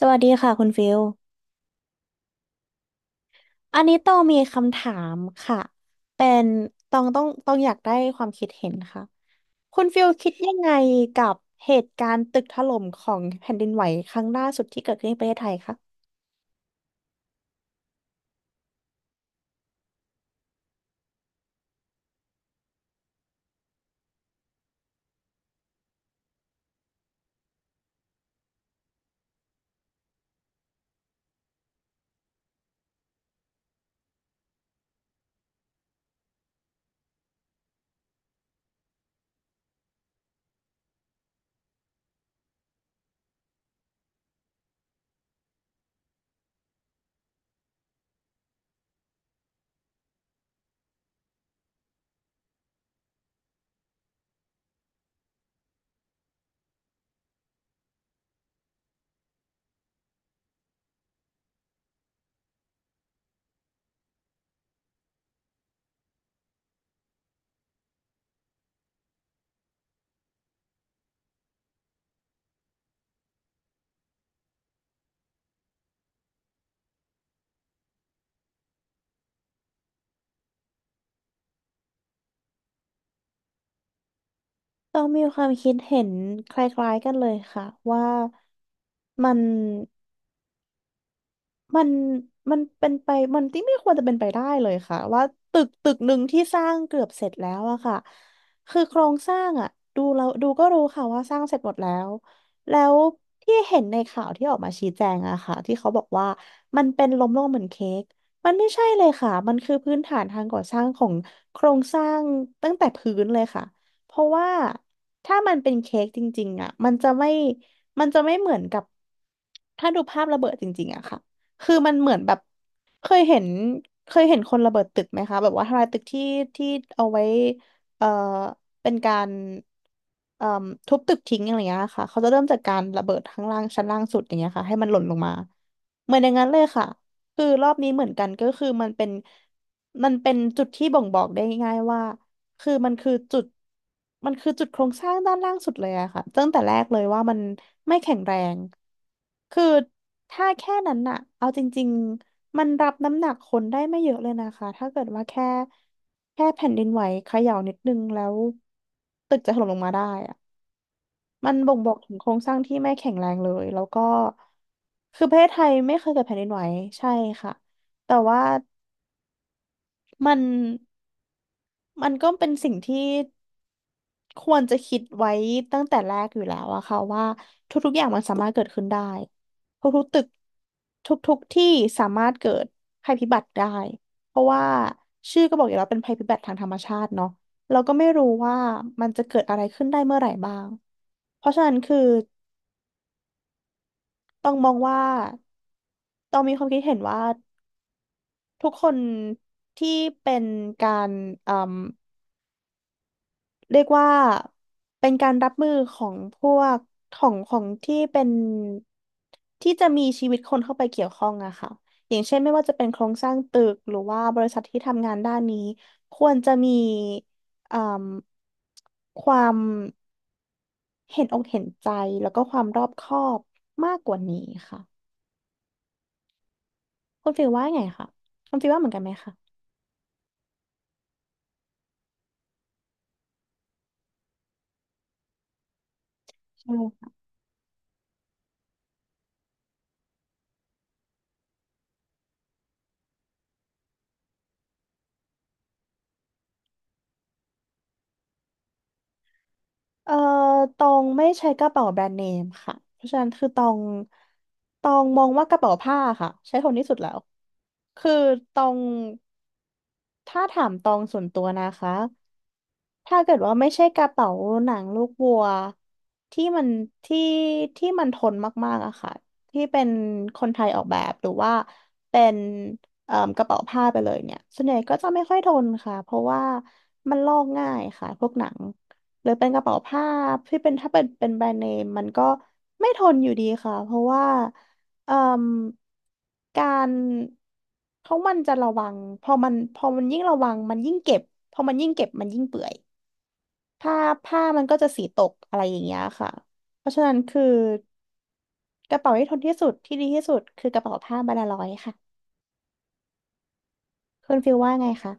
สวัสดีค่ะคุณฟิลอันนี้ต้องมีคำถามค่ะ เป็นต้องอยากได้ความคิดเห็นค่ะ คุณฟิลคิดยังไงกับเหตุการณ์ตึกถล่มของแผ่นดินไหวครั้งล่าสุดที่เกิดขึ้นในประเทศไทยคะต้องมีความคิดเห็นคล้ายๆกันเลยค่ะว่ามัน มันมันเป็นไปมันที่ไม่ควรจะเป็นไปได้เลยค่ะว่าตึกหนึ่งที่สร้างเกือบเสร็จแล้วอะค่ะคือโครงสร้างอะดูเราดูก็รู้ค่ะว่าสร้างเสร็จหมดแล้วแล้วที่เห็นในข่าวที่ออกมาชี้แจงอะค่ะที่เขาบอกว่ามันเป็นล้มลงเหมือนเค้กมันไม่ใช่เลยค่ะมันคือพื้นฐานทางก่อสร้างของโครงสร้างตั้งแต่พื้นเลยค่ะเพราะว่าถ้ามันเป็นเค้กจริงๆอะมันจะไม่เหมือนกับถ้าดูภาพระเบิดจริงๆอะค่ะ คือมันเหมือนแบบเคยเห็นเคยเห็นคนระเบิดตึกไหมคะแบบว่าทลายตึกที่เอาไว้เอ่อเป็นการเอ่มทุบตึกทิ้งอะไรอย่างเงี้ยค่ะเขาจะเริ่มจากการระเบิดข้างล่างชั้นล่างสุดอย่างเงี้ยค่ะให้มันหล่นลงมาเหมือนอย่างนั้นเลยค่ะคือรอบนี้เหมือนกันก็คือมันเป็นจุดที่บ่งบอกได้ง่ายๆว่า คือมันคือจุดโครงสร้างด้านล่างสุดเลยอะค่ะตั้งแต่แรกเลยว่ามันไม่แข็งแรงคือถ้าแค่นั้นอะเอาจริงๆมันรับน้ำหนักคนได้ไม่เยอะเลยนะคะถ้าเกิดว่าแค่แผ่นดินไหวเขย่านิดนึงแล้วตึกจะถล่มลงมาได้อะมันบ่งบอกถึงโครงสร้างที่ไม่แข็งแรงเลยแล้วก็คือประเทศไทยไม่เคยเกิดแผ่นดินไหวใช่ค่ะแต่ว่ามันมันก็เป็นสิ่งที่ ควรจะคิดไว้ตั้งแต่แรกอยู่แล้วอะค่ะว่าทุกๆอย่างมันสามารถเกิดขึ้นได้ทุกๆตึกทุกๆที่สามารถเกิดภัยพิบัติได้เพราะว่าชื่อก็บอกอยู่แล้วเป็นภัยพิบัติทางธรรมชาติเนาะเราก็ไม่รู้ว่ามันจะเกิดอะไรขึ้นได้เมื่อไหร่บ้างเพราะฉะนั้นคือต้องมองว่าต้องมีความคิดเห็นว่าทุกคนที่เป็นการ เรียกว่าเป็นการรับมือของพวกของที่เป็นที่จะมีชีวิตคนเข้าไปเกี่ยวข้องอะค่ะอย่างเช่นไม่ว่าจะเป็นโครงสร้างตึกหรือว่าบริษัทที่ทำงานด้านนี้ควรจะมีเอ่มความเห็นอกเห็นใจแล้วก็ความรอบคอบมากกว่านี้ค่ะคุณฟิลว่าไงคะคุณฟิลว่าเหมือนกันไหมคะ เอ่อตองไม่ใช้กระเป๋าแบรนด์เนมค่ะเพราะฉะนั้นคือตองมองว่ากระเป๋าผ้าค่ะใช้ทนที่สุดแล้วคือตองถ้าถามตองส่วนตัวนะคะ ถ้าเกิดว่าไม่ใช่กระเป๋าหนังลูกวัวที่มันที่ที่มันทนมากๆอะค่ะที่เป็นคนไทยออกแบบหรือว่าเป็นกระเป๋าผ้าไปเลยเนี่ยส่วนใหญ่ก็จะไม่ค่อยทนค่ะเพราะว่ามันลอกง่ายค่ะพวกหนังหรือเป็นกระเป๋าผ้าที่เป็นถ้าเป็นแบรนด์เนมมันก็ไม่ทนอยู่ดีค่ะเพราะว่าเอ่มการเพราะมันจะระวังพอมันยิ่งระวังมันยิ่งเก็บพอมันยิ่งเก็บมันยิ่งเปื่อย ผ้าผ้ามันก็จะสีตกอะไรอย่างเงี้ยค่ะ เพราะฉะนั้นคือกระเป๋าที่ทนที่สุดที่ดีที่สุดคือกระเป๋าผ้าบานาลอยค่ะคุณฟิลว่าไงคะ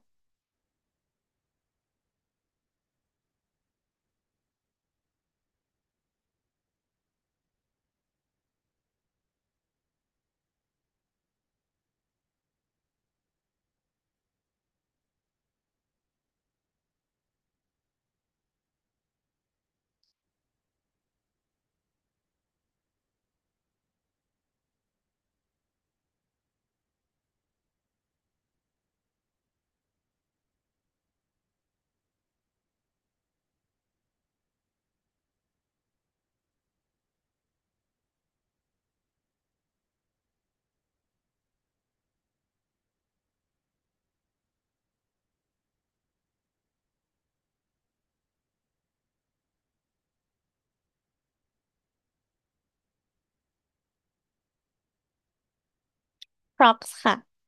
Crocs ค่ะ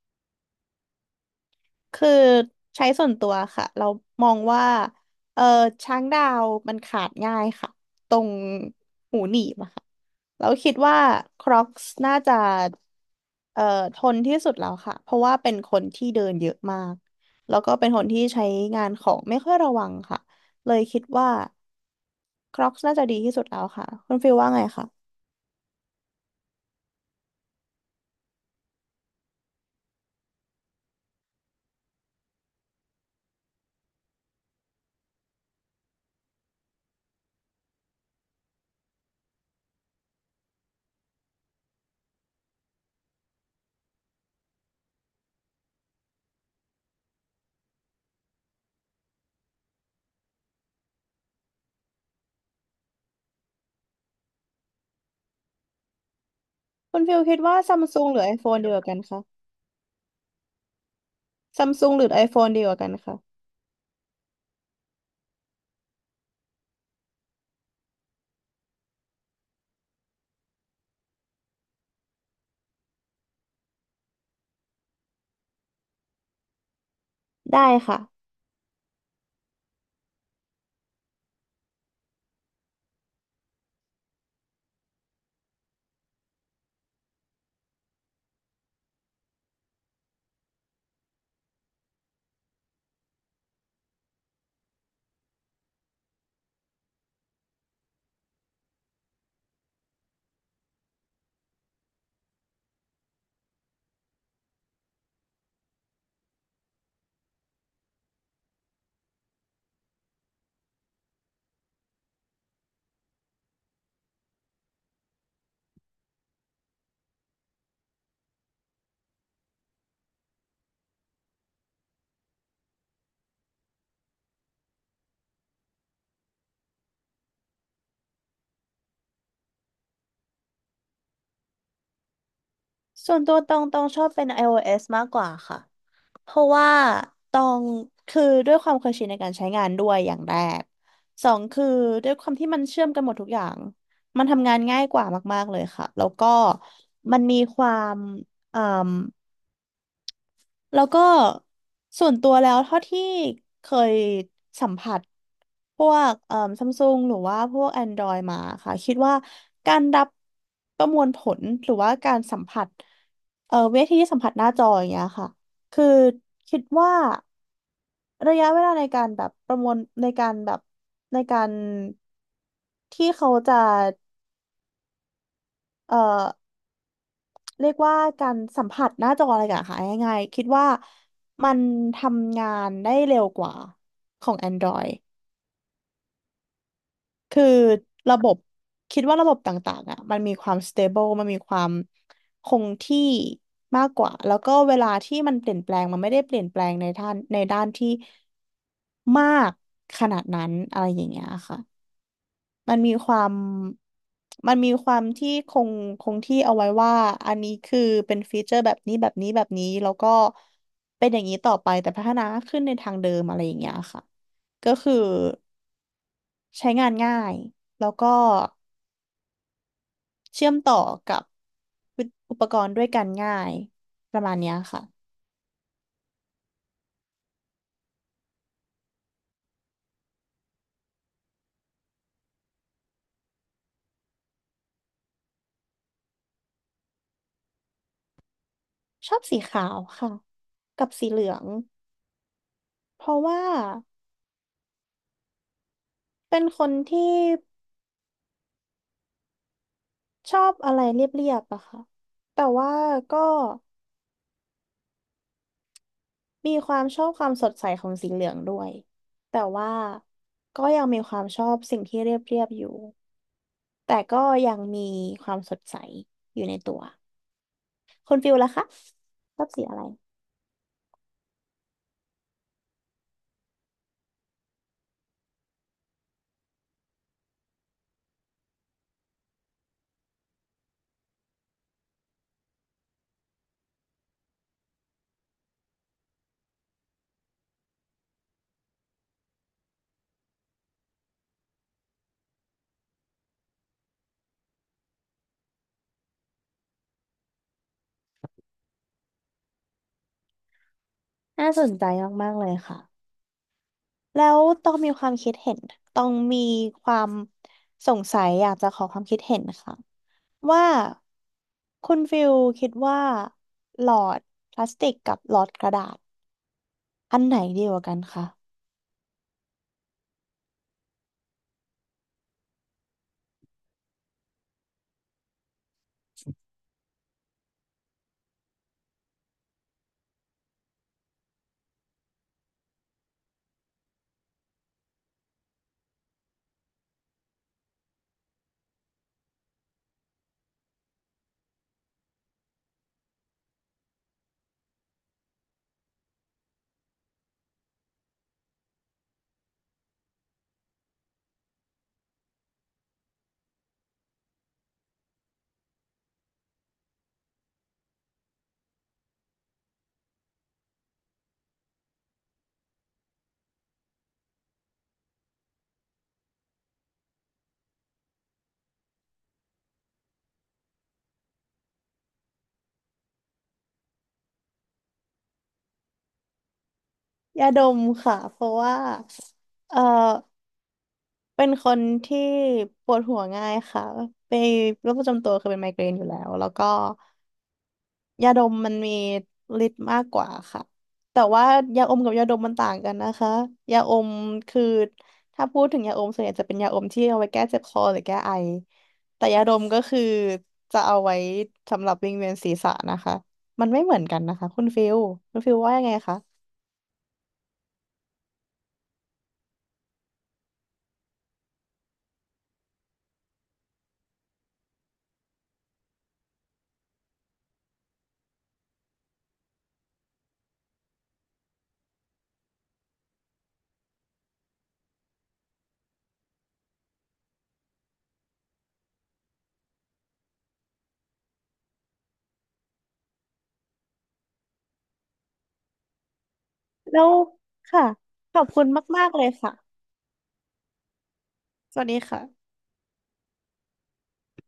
คือใช้ส่วนตัวค่ะเรามองว่าเออช้างดาวมันขาดง่ายค่ะตรงหูหนีบอะค่ะเราคิดว่าคร o อกซ์น่าจะเอ่อทนที่สุดแล้วค่ะเพราะว่าเป็นคนที่เดินเยอะมากแล้วก็เป็นคนที่ใช้งานของไม่ค่อยระวังค่ะเลยคิดว่าคร o อกซ์น่าจะดีที่สุดแล้วค่ะคุณฟิลว่าไงคะคุณฟิลคิดว่าซัมซุงหรือ iPhone ดีกว่ากันคะซัมซุงหรือ iPhone ดีกว่ากันคะได้ค่ะ ส่วนตัวตองชอบเป็น iOS มากกว่าค่ะเพราะว่าตองคือด้วยความเคยชินในการใช้งานด้วยอย่างแรกสองคือด้วยความที่มันเชื่อมกันหมดทุกอย่างมันทำงานง่ายกว่ามากๆเลยค่ะแล้วก็มันมีความเอ่อ แล้วก็ส่วนตัวแล้วเท่าที่เคยสัมผัสพวกซัมซุงหรือว่าพวก Android มาค่ะคิดว่าการรับประมวลผลหรือว่าการสัมผัสเวทีสัมผัสหน้าจออย่างเงี้ยค่ะคือคิดว่าระยะเวลาในการแบบประมวลในการแบบในการที่เขาจะเอ่อ เรียกว่าการสัมผัสหน้าจออะไรกันค่ะง่ายๆคิดว่ามันทำงานได้เร็วกว่าของ Android คือระบบคิดว่าระบบต่างๆอ่ะมันมีความ stable มันมีความคงที่มากกว่าแล้วก็เวลาที่มันเปลี่ยนแปลงมันไม่ได้เปลี่ยนแปลงในด้านที่มากขนาดนั้นอะไรอย่างเงี้ยค่ะ มันมีความ มันมีความที่คงที่เอาไว้ว่า อันนี้คือเป็นฟีเจอร์แบบนี้แบบนี้แบบนี้แล้วก็เป็นอย่างนี้ต่อไปแต่พัฒนาขึ้นในทางเดิมอะไรอย่างเงี้ยค่ะ ก็คือใช้งานง่ายแล้วก็เชื่อมต่อกับอุปกรณ์ด้วยกันง่ายประมาณเนี้ยค่ะชอบสีขาวค่ะกับสีเหลืองเพราะว่าเป็นคนที่ชอบอะไรเรียบๆอะค่ะแต่ว่าก็ มีความชอบความสดใสของสีเหลืองด้วยแต่ว่าก็ยังมีความชอบสิ่งที่เรียบเรียบอยู่แต่ก็ยังมีความสดใสอยู่ในตัวคุณฟิลล่ะคะชอบสีอะไรน่าสนใจมากๆเลยค่ะแล้วต้องมีความคิดเห็นต้องมีความสงสัยอยากจะขอความคิดเห็นค่ะว่าคุณฟิลคิดว่าหลอดพลาสติกกับหลอดกระดาษอันไหนดีกว่ากันคะ ยาดมค่ะ เพราะว่าเออเป็นคนที่ปวดหัวง่ายค่ะไปโรคประจำตัวคือเป็นไมเกรนอยู่แล้ว แล้วก็ยาดมมันมีฤทธิ์มากกว่าค่ะ แต่ว่ายาอมกับยาดมมันต่างกันนะคะ ยาอมคือถ้าพูดถึงยาอมส่วนใหญ่จะเป็นยาอมที่เอาไว้แก้เจ็บคอหรือแก้ไอ แต่ยาดมก็คือจะเอาไว้สำหรับวิงเวียนศีรษะนะคะมันไม่เหมือนกันนะคะคุณฟิลคุณฟิลว่ายังไงคะ แล้วค่ะขอบคุณมากๆเลยค่ะสวัสดีค่ะ